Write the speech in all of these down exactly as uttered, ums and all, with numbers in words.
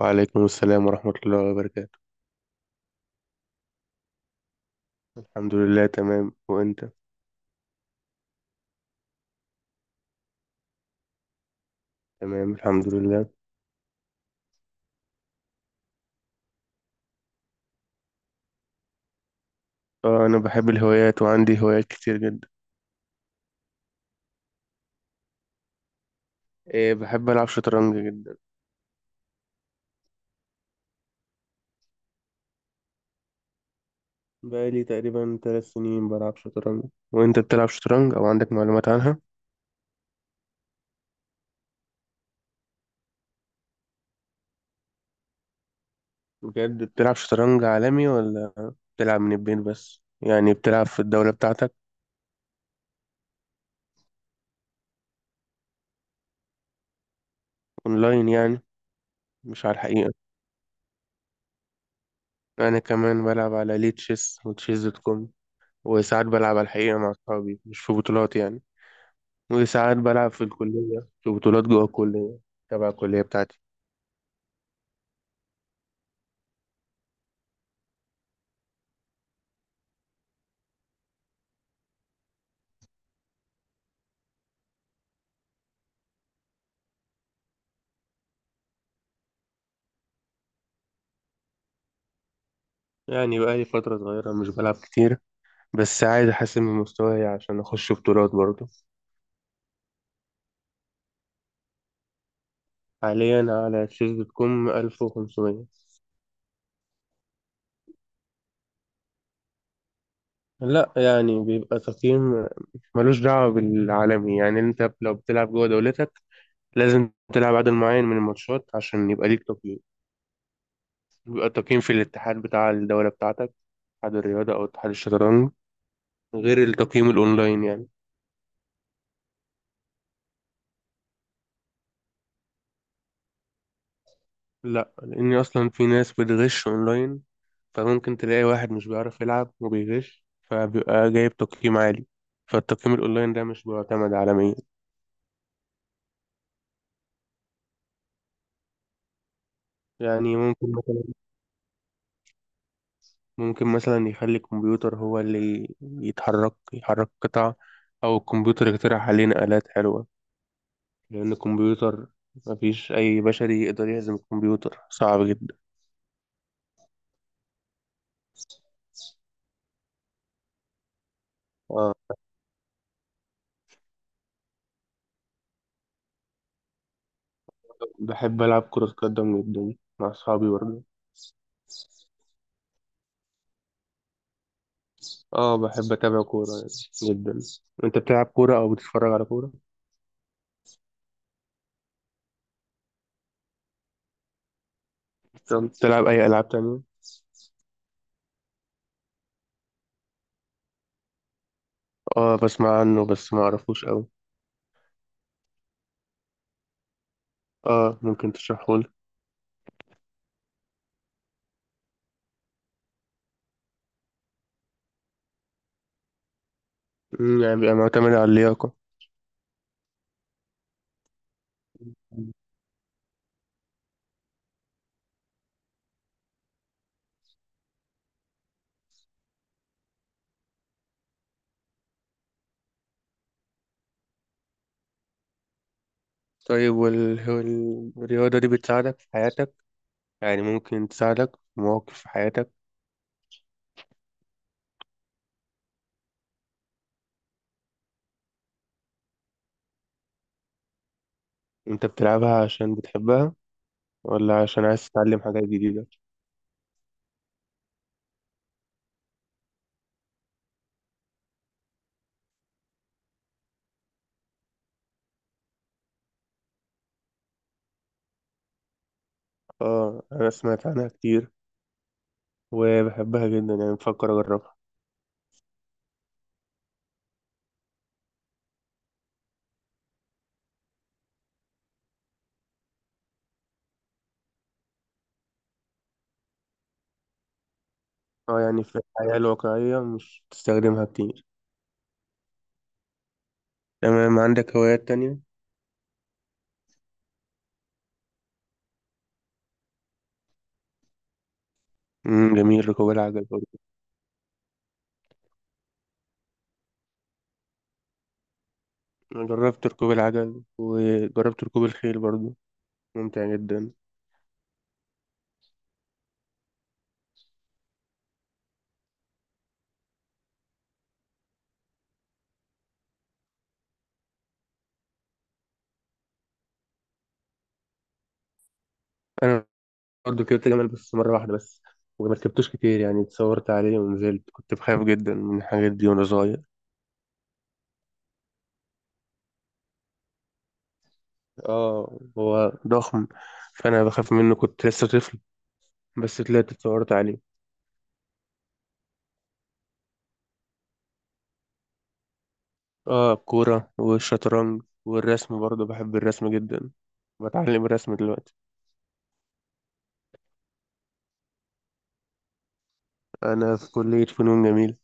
وعليكم السلام ورحمة الله وبركاته. الحمد لله تمام، وأنت؟ تمام الحمد لله. اه، أنا بحب الهوايات وعندي هوايات كتير جدا. إيه، بحب ألعب شطرنج جدا. بقالي تقريبا ثلاث سنين بلعب شطرنج. وأنت بتلعب شطرنج أو عندك معلومات عنها؟ بجد بتلعب شطرنج عالمي ولا بتلعب من البيت بس يعني بتلعب في الدولة بتاعتك؟ أونلاين يعني، مش على الحقيقة. أنا كمان بلعب على ليه تشيس وتشيس دوت كوم، وساعات بلعب على الحقيقة مع أصحابي مش في بطولات يعني، وساعات بلعب في الكلية في بطولات جوه الكلية، تبع الكلية بتاعتي. يعني بقالي فترة صغيرة مش بلعب كتير، بس عايز أحسن من مستواي عشان أخش بطولات برضه. حاليا على تشيز دوت كوم ألف وخمسمية. لا، يعني بيبقى تقييم ملوش دعوة بالعالمي. يعني أنت لو بتلعب جوه دولتك لازم تلعب عدد معين من الماتشات عشان يبقى ليك تقييم. بيبقى التقييم في الاتحاد بتاع الدولة بتاعتك، اتحاد الرياضة أو اتحاد الشطرنج، غير التقييم الأونلاين يعني. لا، لأن أصلا في ناس بتغش أونلاين، فممكن تلاقي واحد مش بيعرف يلعب وبيغش فبيبقى جايب تقييم عالي، فالتقييم الأونلاين ده مش بيعتمد عالميا. يعني ممكن مثلا ممكن مثلا يخلي الكمبيوتر هو اللي يتحرك يحرك قطع، أو الكمبيوتر يقترح علينا آلات حلوة، لأن الكمبيوتر مفيش أي بشري يقدر يهزم الكمبيوتر، صعب جدا. آه، بحب ألعب كرة قدم جدا مع أصحابي برضه. اه، بحب اتابع كورة يعني، جدا. انت بتلعب كورة او بتتفرج على كورة؟ طب بتلعب اي العاب تانية؟ اه، بسمع عنه بس ما اعرفوش قوي. اه، ممكن تشرحه لي. أمم، يعني بيبقى معتمد على اللياقة. طيب وال... والرياضة دي بتساعدك في حياتك؟ يعني ممكن تساعدك في مواقف في حياتك. انت بتلعبها عشان بتحبها ولا عشان عايز تتعلم حاجات جديدة؟ اه، انا سمعت عنها كتير، وبحبها جدا يعني بفكر اجربها. اه، يعني في الحياة الواقعية مش بتستخدمها كتير. تمام، عندك هوايات تانية؟ امم، جميل ركوب العجل برضه. أنا جربت ركوب العجل وجربت ركوب الخيل برضه، ممتع جدا. أنا برضه ركبت جمل بس مرة واحدة بس، وما ركبتوش كتير يعني اتصورت عليه ونزلت، كنت بخاف جدا من الحاجات دي وأنا صغير. اه، هو ضخم فأنا بخاف منه، كنت لسه طفل، بس طلعت اتصورت عليه. اه، الكورة والشطرنج والرسم برضه، بحب الرسم جدا. بتعلم الرسم دلوقتي. أنا في كلية فنون جميلة.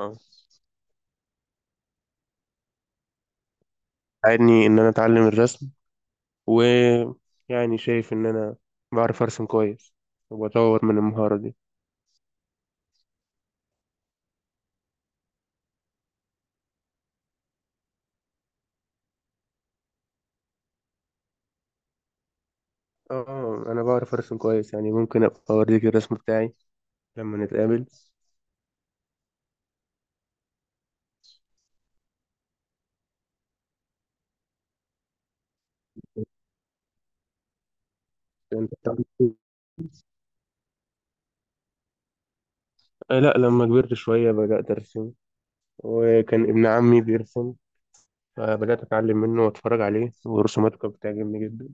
اه. ساعدني إن أنا أتعلم الرسم، ويعني شايف إن أنا بعرف أرسم كويس، وبطور من المهارة دي. اه، أنا بعرف أرسم كويس يعني ممكن أبقى أوريك الرسم بتاعي لما نتقابل. أنت بتعرف ترسم؟ آه، لا، لما كبرت شوية بدأت أرسم، وكان ابن عمي بيرسم فبدأت أتعلم منه وأتفرج عليه، ورسوماته كانت بتعجبني جدا.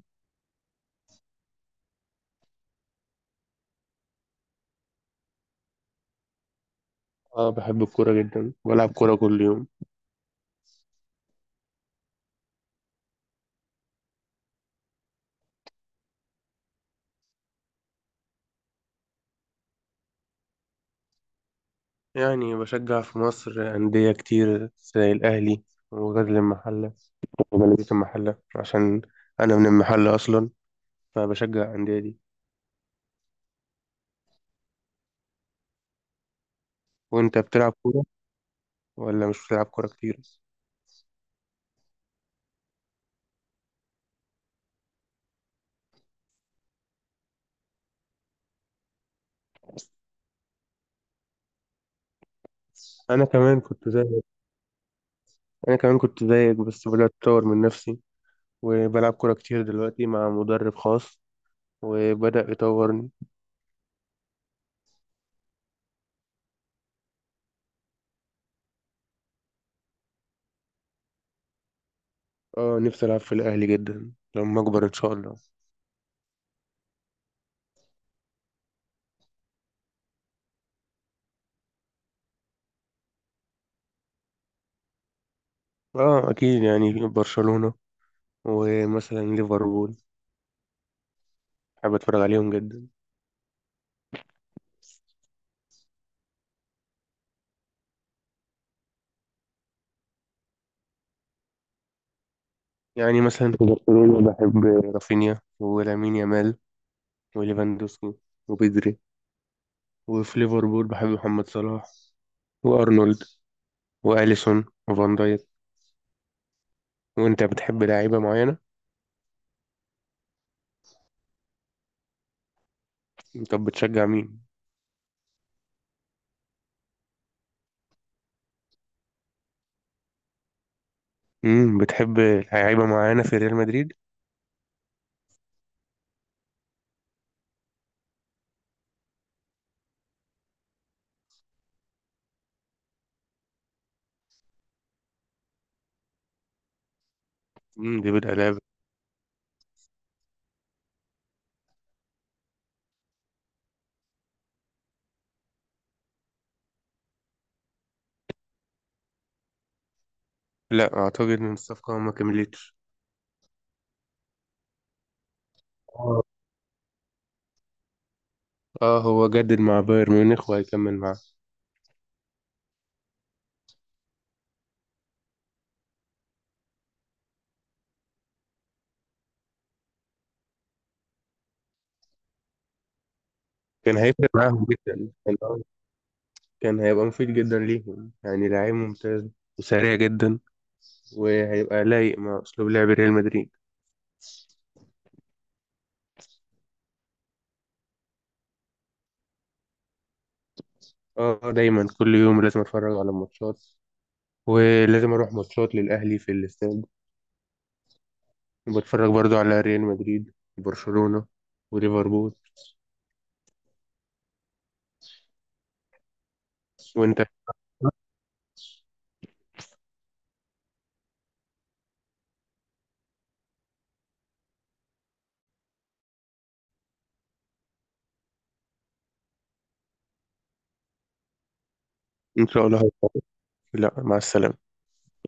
اه، بحب الكورة جدا، بلعب كورة كل يوم. يعني بشجع في مصر أندية كتير زي الأهلي وغزل المحلة وبلدية المحلة، عشان أنا من المحلة أصلا، فبشجع الأندية دي. وأنت بتلعب كورة ولا مش بتلعب كورة كتير؟ أنا كمان كنت زيك أنا كمان كنت زيك بس بدأت أطور من نفسي، وبلعب كورة كتير دلوقتي مع مدرب خاص وبدأ يطورني. اه، نفسي ألعب في الأهلي جدا لما أكبر إن شاء الله. اه أكيد، يعني برشلونة ومثلا ليفربول، بحب أتفرج عليهم جدا. يعني مثلا في برشلونة بحب رافينيا ولامين يامال وليفاندوسكي وبيدري، وفي ليفربول بحب محمد صلاح وأرنولد وأليسون وفان دايك. وأنت بتحب لعيبة معينة؟ طب بتشجع مين؟ امم، بتحب لعيبة معينة في ريال مدريد؟ امم، ديفيد ألابا. لا أعتقد إن الصفقة ما كملتش. اه. آه، هو جدد مع بايرن ميونخ وهيكمل معاه. كان هيفرق معاهم جدا كان كان هيبقى مفيد جدا ليهم، يعني لعيب ممتاز وسريع جدا، وهيبقى لايق مع أسلوب لعب ريال مدريد. اه، دايما كل يوم لازم أتفرج على الماتشات، ولازم أروح ماتشات للأهلي في الاستاد، وبتفرج برضو على ريال مدريد وبرشلونة وليفربول. وانت؟ ان شاء الله هتفرج. لا، مع السلامة.